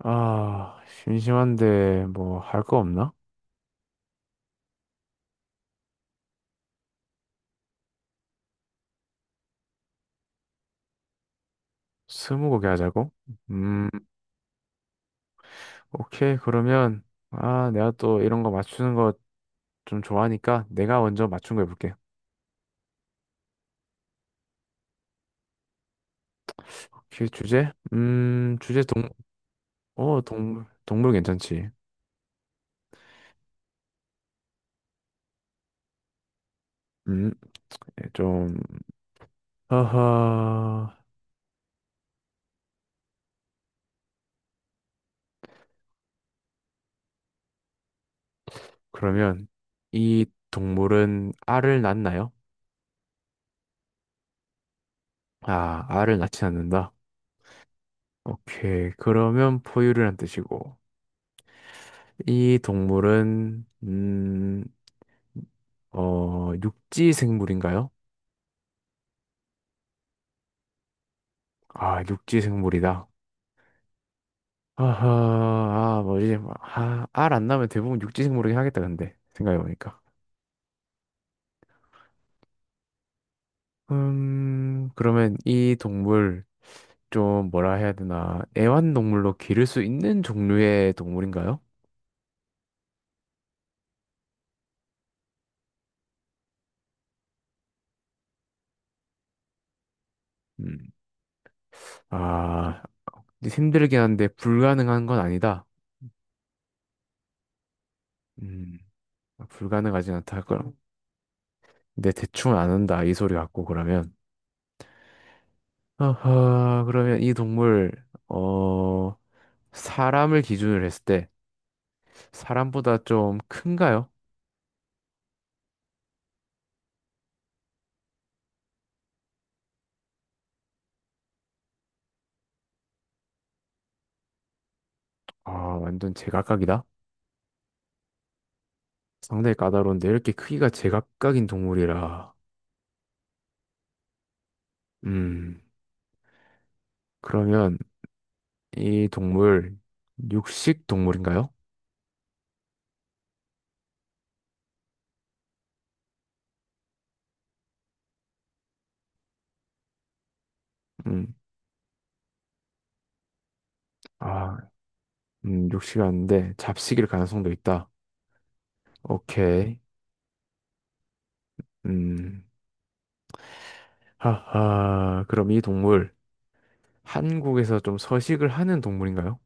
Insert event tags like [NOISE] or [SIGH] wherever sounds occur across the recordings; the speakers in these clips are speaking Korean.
아, 심심한데 뭐 할 거 없나? 스무고개 하자고? 음, 오케이. 그러면 내가 또 이런 거 맞추는 거 좀 좋아하니까 내가 먼저 맞춘 거 해볼게. 오케이, 주제? 주제 동물 괜찮지? 음, 예, 좀, 허허. 그러면 이 동물은 알을 낳나요? 아, 알을 낳지 않는다. 오케이, 그러면 포유류란 뜻이고. 이 동물은, 육지 생물인가요? 아, 육지 생물이다. 아하, 아, 뭐지? 아, 알안 나면 대부분 육지 생물이긴 하겠다, 근데. 생각해보니까. 그러면 이 동물, 좀 뭐라 해야 되나. 애완동물로 기를 수 있는 종류의 동물인가요? 음, 아, 힘들긴 한데 불가능한 건 아니다. 음, 불가능하진 않다. 그럼. 근데 대충 안 한다. 이 소리 같고, 그러면. 아하, 그러면 이 동물, 어, 사람을 기준으로 했을 때 사람보다 좀 큰가요? 아, 완전 제각각이다. 상당히 까다로운데 이렇게 크기가 제각각인 동물이라. 음, 그러면 이 동물 육식 동물인가요? 음, 아, 육식이 아닌데 잡식일 가능성도 있다. 오케이. 음, 하하. 그럼 이 동물 한국에서 좀 서식을 하는 동물인가요?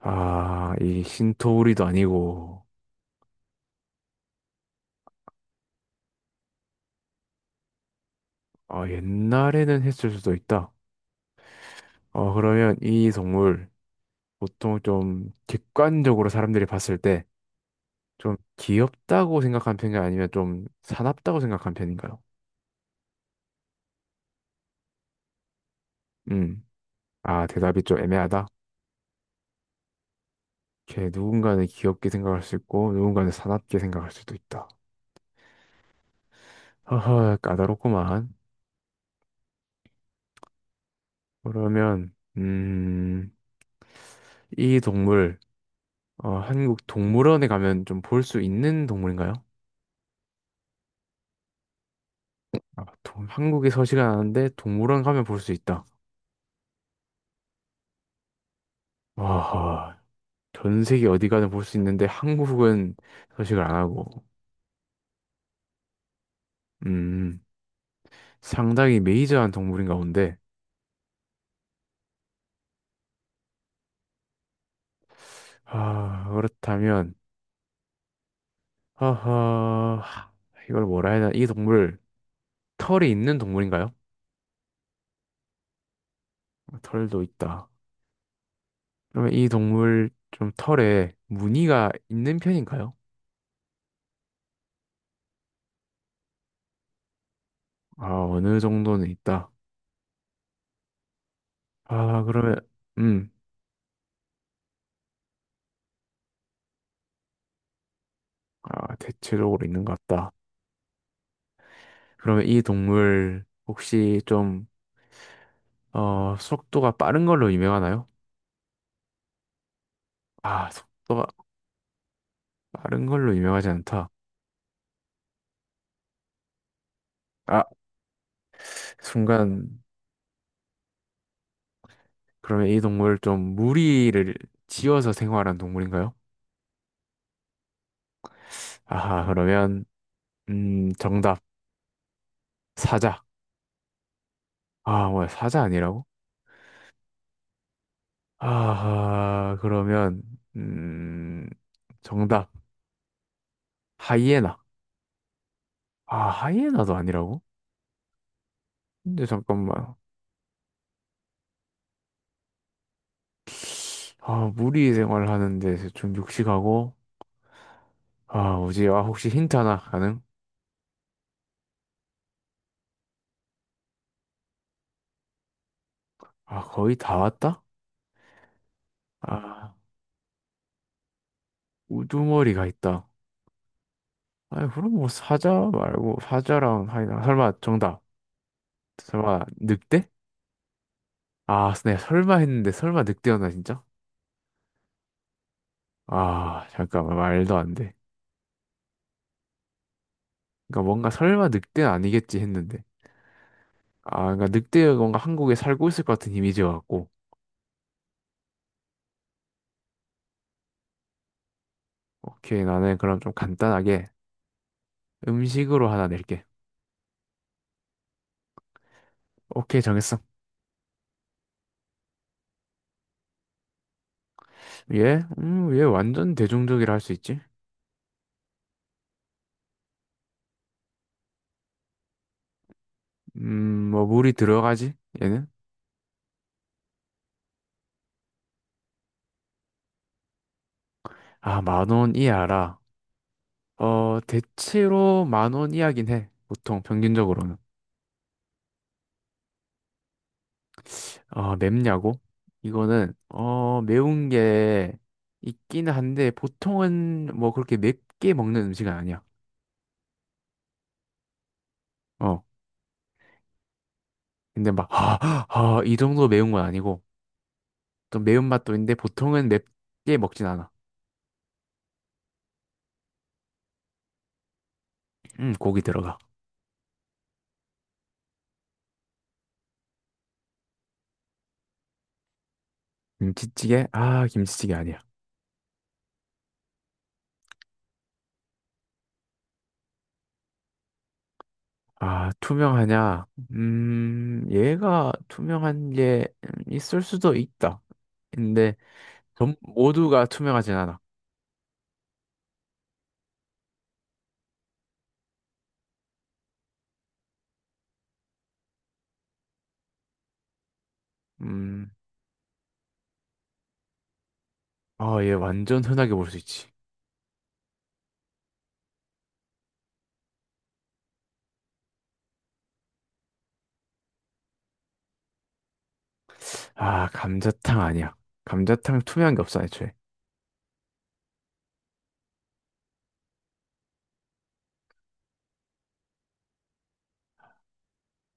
아, 이 신토우리도 아니고, 아, 옛날에는 했을 수도 있다. 어, 그러면 이 동물 보통 좀 객관적으로 사람들이 봤을 때 좀 귀엽다고 생각한 편인요 아니면 좀 사납다고 생각한 편인가요? 음. 아, 대답이 좀 애매하다. 이렇게 누군가는 귀엽게 생각할 수 있고 누군가는 사납게 생각할 수도 있다. 허허, 까다롭구만. 그러면 이 동물 어, 한국 동물원에 가면 좀 볼 수 있는 동물인가요? 아, 동- 한국에 서식은 않는데 동물원 가면 볼 수 있다. 와, 전 세계 어디 가든 볼 수 있는데 한국은 서식을 안 하고, 음, 상당히 메이저한 동물인가 본데, 아, 그렇다면, 하하, 이걸 뭐라 해야 되나, 이 동물, 털이 있는 동물인가요? 털도 있다. 그러면 이 동물 좀 털에 무늬가 있는 편인가요? 아, 어느 정도는 있다. 아, 그러면, 음, 아, 대체적으로 있는 것 같다. 그러면 이 동물 혹시 좀, 어, 속도가 빠른 걸로 유명하나요? 아, 속도가 빠른 걸로 유명하지 않다. 아, 순간, 그러면 이 동물 좀 무리를 지어서 생활한 동물인가요? 아하, 그러면, 정답. 사자. 아, 뭐야, 사자 아니라고? 아하, 그러면, 음, 정답. 하이에나. 아, 하이에나도 아니라고? 근데 잠깐만. 아, 무리 생활을 하는데 좀 육식하고, 아, 뭐지? 아, 혹시 힌트 하나 가능? 아, 거의 다 왔다? 아, 우두머리가 있다. 아니, 그럼 뭐 사자 말고 사자랑 하이나 설마 정답. 설마 늑대? 아, 네, 설마 했는데 설마 늑대였나 진짜? 아, 잠깐만 말도 안 돼. 그러니까 뭔가 설마 늑대는 아니겠지 했는데. 아, 그러니까 늑대가 뭔가 한국에 살고 있을 것 같은 이미지여 갖고. 오케이, 나는 그럼 좀 간단하게 음식으로 하나 낼게. 오케이, 정했어. 얘? 얘 완전 대중적이라 할 수 있지? 뭐 물이 들어가지? 얘는? 아, 만원이알라 어, 대체로 만 원 이하긴 해. 보통 평균적으로는. 아, 맵냐고? 이거는 어, 매운 게 있기는 한데 보통은 뭐 그렇게 맵게 먹는 음식은 아니야. 어. 근데 막 이 정도 매운 건 아니고 또 매운맛도 있는데 보통은 맵게 먹진 않아. 고기 들어가. 김치찌개? 아, 김치찌개 아니야. 아, 투명하냐? 얘가 투명한 게 있을 수도 있다. 근데 전 모두가 투명하진 않아. 음, 아, 얘 완전 흔하게 볼 수 있지. 아, 감자탕 아니야. 감자탕 투명한 게 없어, 애초에.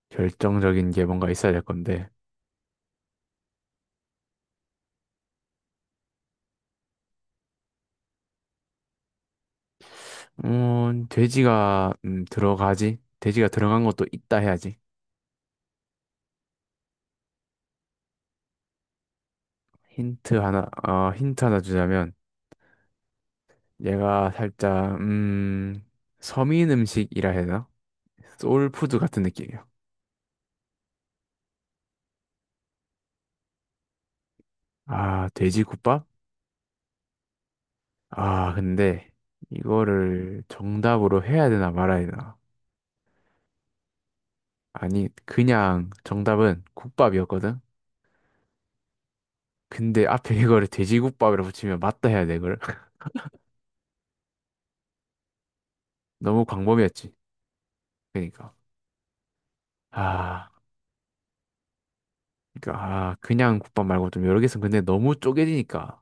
결정적인 게 뭔가 있어야 될 건데. 돼지가, 들어가지? 돼지가 들어간 것도 있다 해야지. 힌트 하나 주자면, 얘가 살짝, 서민 음식이라 해야 되나? 소울푸드 같은 느낌이야. 아, 돼지국밥? 아, 근데, 이거를 정답으로 해야 되나 말아야 되나? 아니, 그냥 정답은 국밥이었거든? 근데 앞에 [LAUGHS] 이거를 돼지국밥이라 붙이면 맞다 해야 돼, 이걸. [LAUGHS] 너무 광범위했지. 그니까. 아, 그니까, 아, 그냥 국밥 말고 좀 여러 개 있으면 근데 너무 쪼개지니까.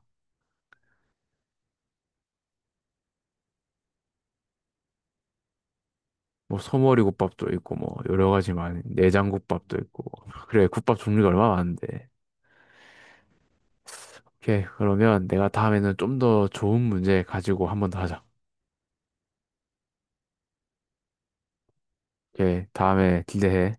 뭐, 소머리 국밥도 있고, 뭐, 여러 가지 많이, 내장국밥도 있고. [LAUGHS] 그래, 국밥 종류가 얼마나 많은데. 오케이, 그러면 내가 다음에는 좀 더 좋은 문제 가지고 한번 더 하자. 오케이, 다음에 기대해.